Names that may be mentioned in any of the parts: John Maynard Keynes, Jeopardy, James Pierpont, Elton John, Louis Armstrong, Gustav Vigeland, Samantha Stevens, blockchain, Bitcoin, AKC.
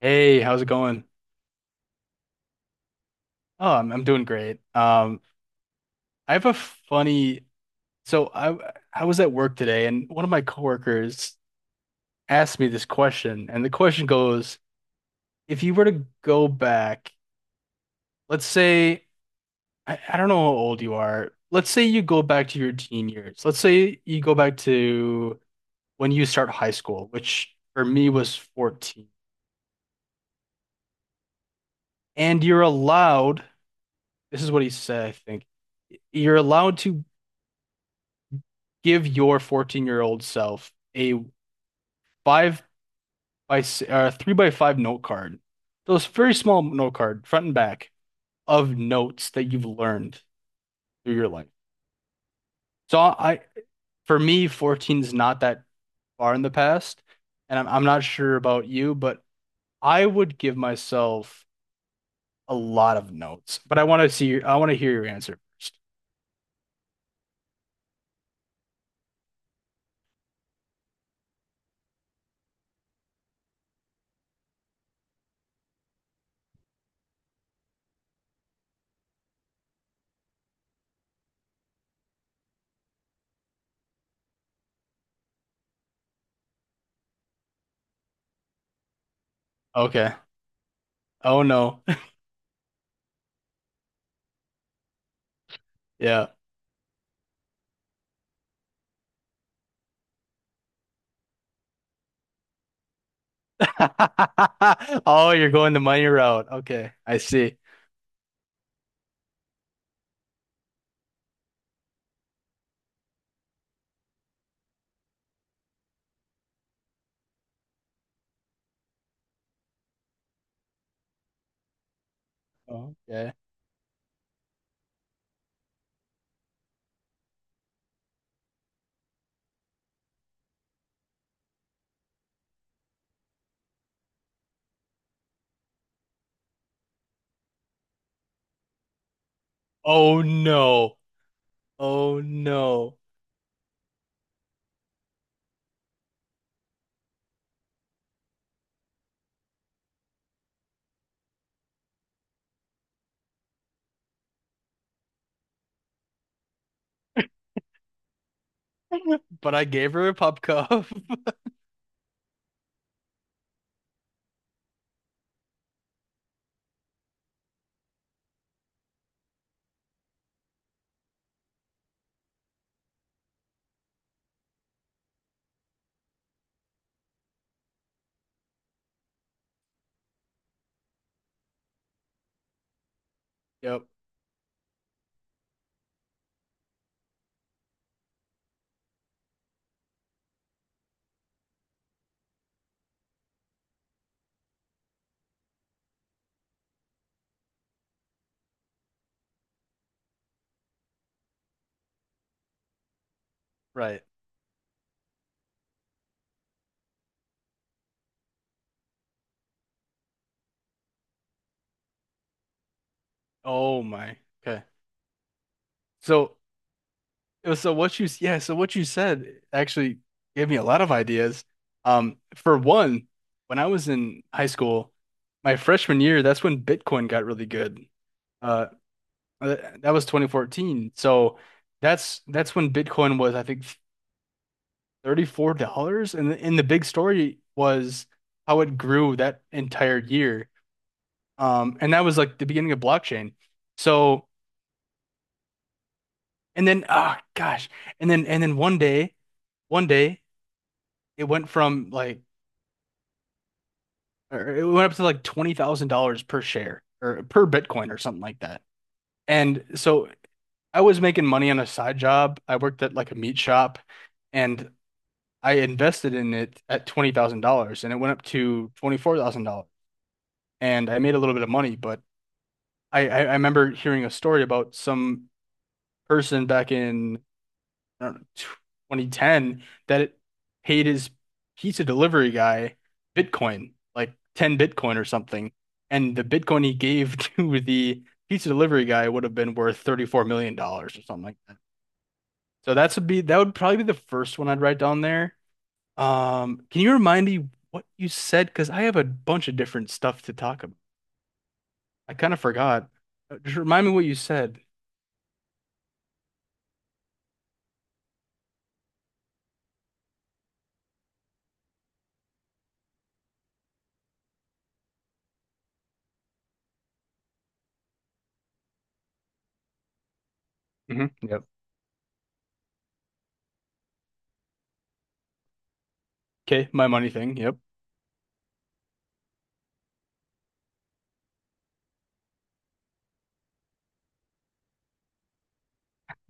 Hey, how's it going? Oh, I'm doing great. I have a funny. So I was at work today, and one of my coworkers asked me this question, and the question goes, if you were to go back, let's say I don't know how old you are. Let's say you go back to your teen years. Let's say you go back to when you start high school, which for me was 14, and you're allowed. This is what he said, I think. You're allowed to give your 14-year-old self a five three by five note card. So it's a very small note card, front and back, of notes that you've learned through your life. So I, for me, 14 is not that far in the past, and I'm not sure about you, but I would give myself a lot of notes. But I want to hear your answer first. Okay. Oh no. Yeah. Oh, you're going the money route. Okay, I see. Okay. Oh no. Oh no. But I gave her a pop cup. Yep. Right. Oh my. Okay. So so what you said actually gave me a lot of ideas. For one, when I was in high school, my freshman year, that's when Bitcoin got really good. Uh, that was 2014. So that's when Bitcoin was, I think, $34. And and the big story was how it grew that entire year. And that was like the beginning of blockchain. So, and then, ah, gosh, and then one day, it went from like, it went up to like $20,000 per share or per Bitcoin or something like that. And so I was making money on a side job. I worked at like a meat shop and I invested in it at $20,000 and it went up to $24,000. And I made a little bit of money, but I remember hearing a story about some person back in I don't know, 2010 that it paid his pizza delivery guy Bitcoin, like 10 Bitcoin or something. And the Bitcoin he gave to the pizza delivery guy would have been worth $34 million dollars or something like that. That would probably be the first one I'd write down there. Can you remind me what you said? Because I have a bunch of different stuff to talk about. I kind of forgot. Just remind me what you said. Hmm Yep. Okay, my money thing. Yep.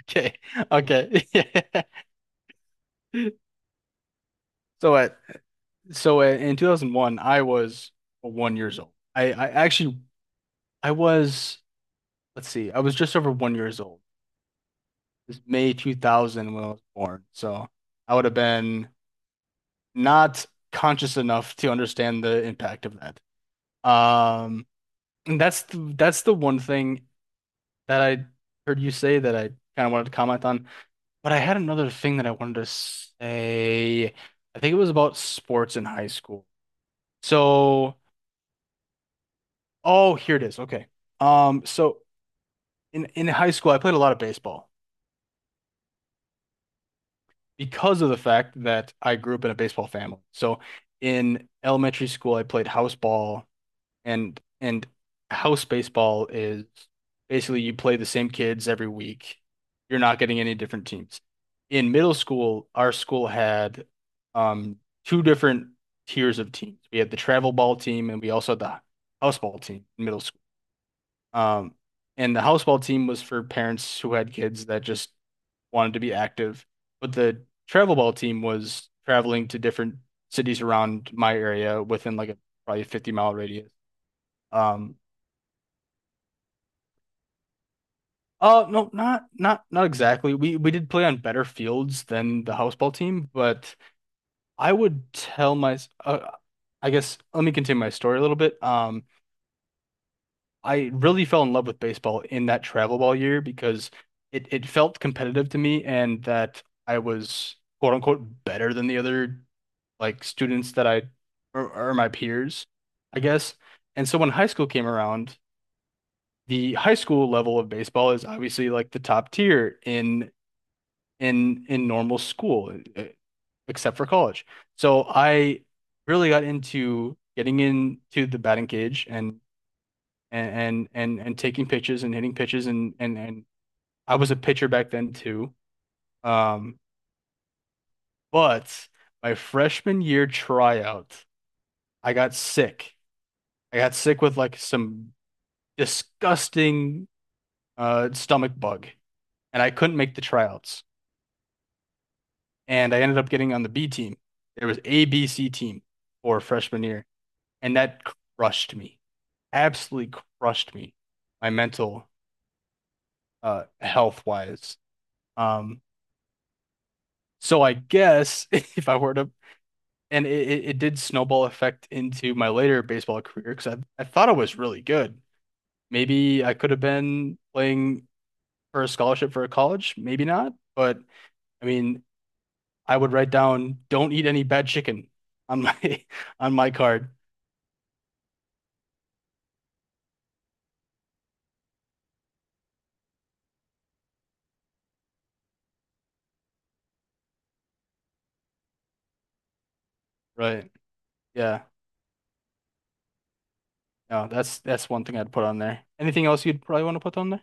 Okay. Okay. So what? In 2001, I was 1 years old. I actually I was let's see, I was just over 1 years old. It's May 2000 when I was born. So I would have been not conscious enough to understand the impact of that. Um, and that's the one thing that I heard you say that I kind of wanted to comment on. But I had another thing that I wanted to say. I think it was about sports in high school. So, oh, here it is. Okay. So in high school, I played a lot of baseball because of the fact that I grew up in a baseball family. So in elementary school, I played house ball and house baseball is basically you play the same kids every week. You're not getting any different teams. In middle school, our school had um two different tiers of teams. We had the travel ball team and we also had the house ball team in middle school. Um, and the house ball team was for parents who had kids that just wanted to be active, but the travel ball team was traveling to different cities around my area within like a probably a 50-mile radius. Um, oh no, not exactly. We did play on better fields than the house ball team, but I would tell my uh, I guess let me continue my story a little bit. I really fell in love with baseball in that travel ball year because it felt competitive to me and that I was quote unquote better than the other like students that or my peers, I guess. And so when high school came around, the high school level of baseball is obviously like the top tier in in normal school, except for college. So I really got into getting into the batting cage and taking pitches and hitting pitches and I was a pitcher back then too. Um, but my freshman year tryout, I got sick I got sick with like some disgusting stomach bug, and I couldn't make the tryouts. And I ended up getting on the B team. There was A, B, C team for freshman year, and that crushed me. Absolutely crushed me, my mental health wise. Um, so I guess if I were to, and it did snowball effect into my later baseball career because I thought I was really good. Maybe I could have been playing for a scholarship for a college, maybe not. But I mean, I would write down don't eat any bad chicken on my on my card. Right. Yeah. No, that's one thing I'd put on there. Anything else you'd probably want to put on there?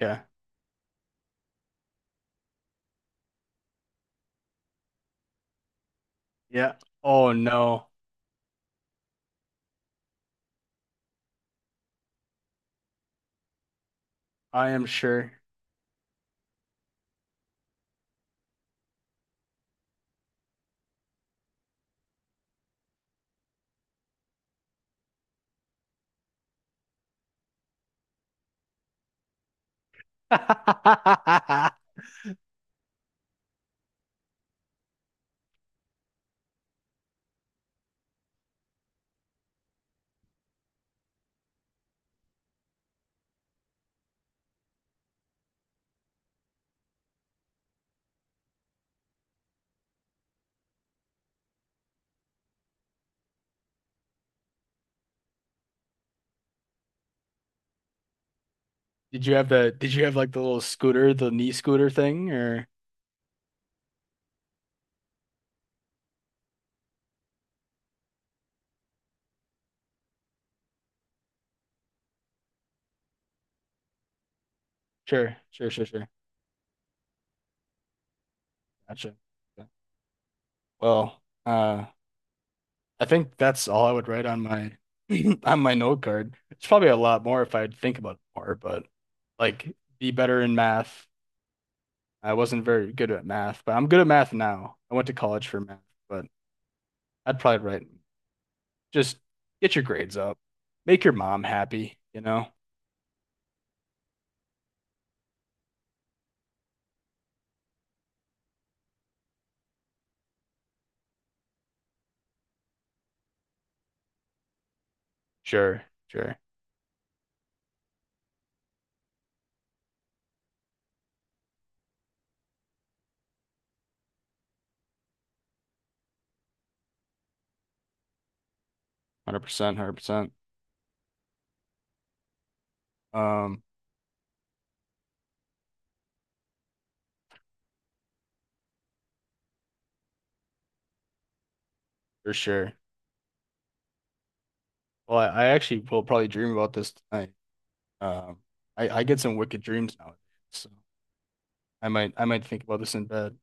Yeah. Yeah. Oh no. I am sure. Did you have like the little scooter, the knee scooter thing or sure, sure, sure, sure. Gotcha. Yeah. Well, I think that's all I would write on my on my note card. It's probably a lot more if I'd think about it more, but like be better in math. I wasn't very good at math, but I'm good at math now. I went to college for math, but I'd probably write just get your grades up. Make your mom happy, you know? Sure, sure. 100%, 100%. Um, for sure. Well, I actually will probably dream about this tonight. Um, I get some wicked dreams now, so I might think about this in bed.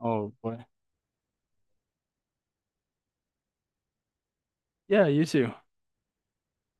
Oh boy. Yeah, you too.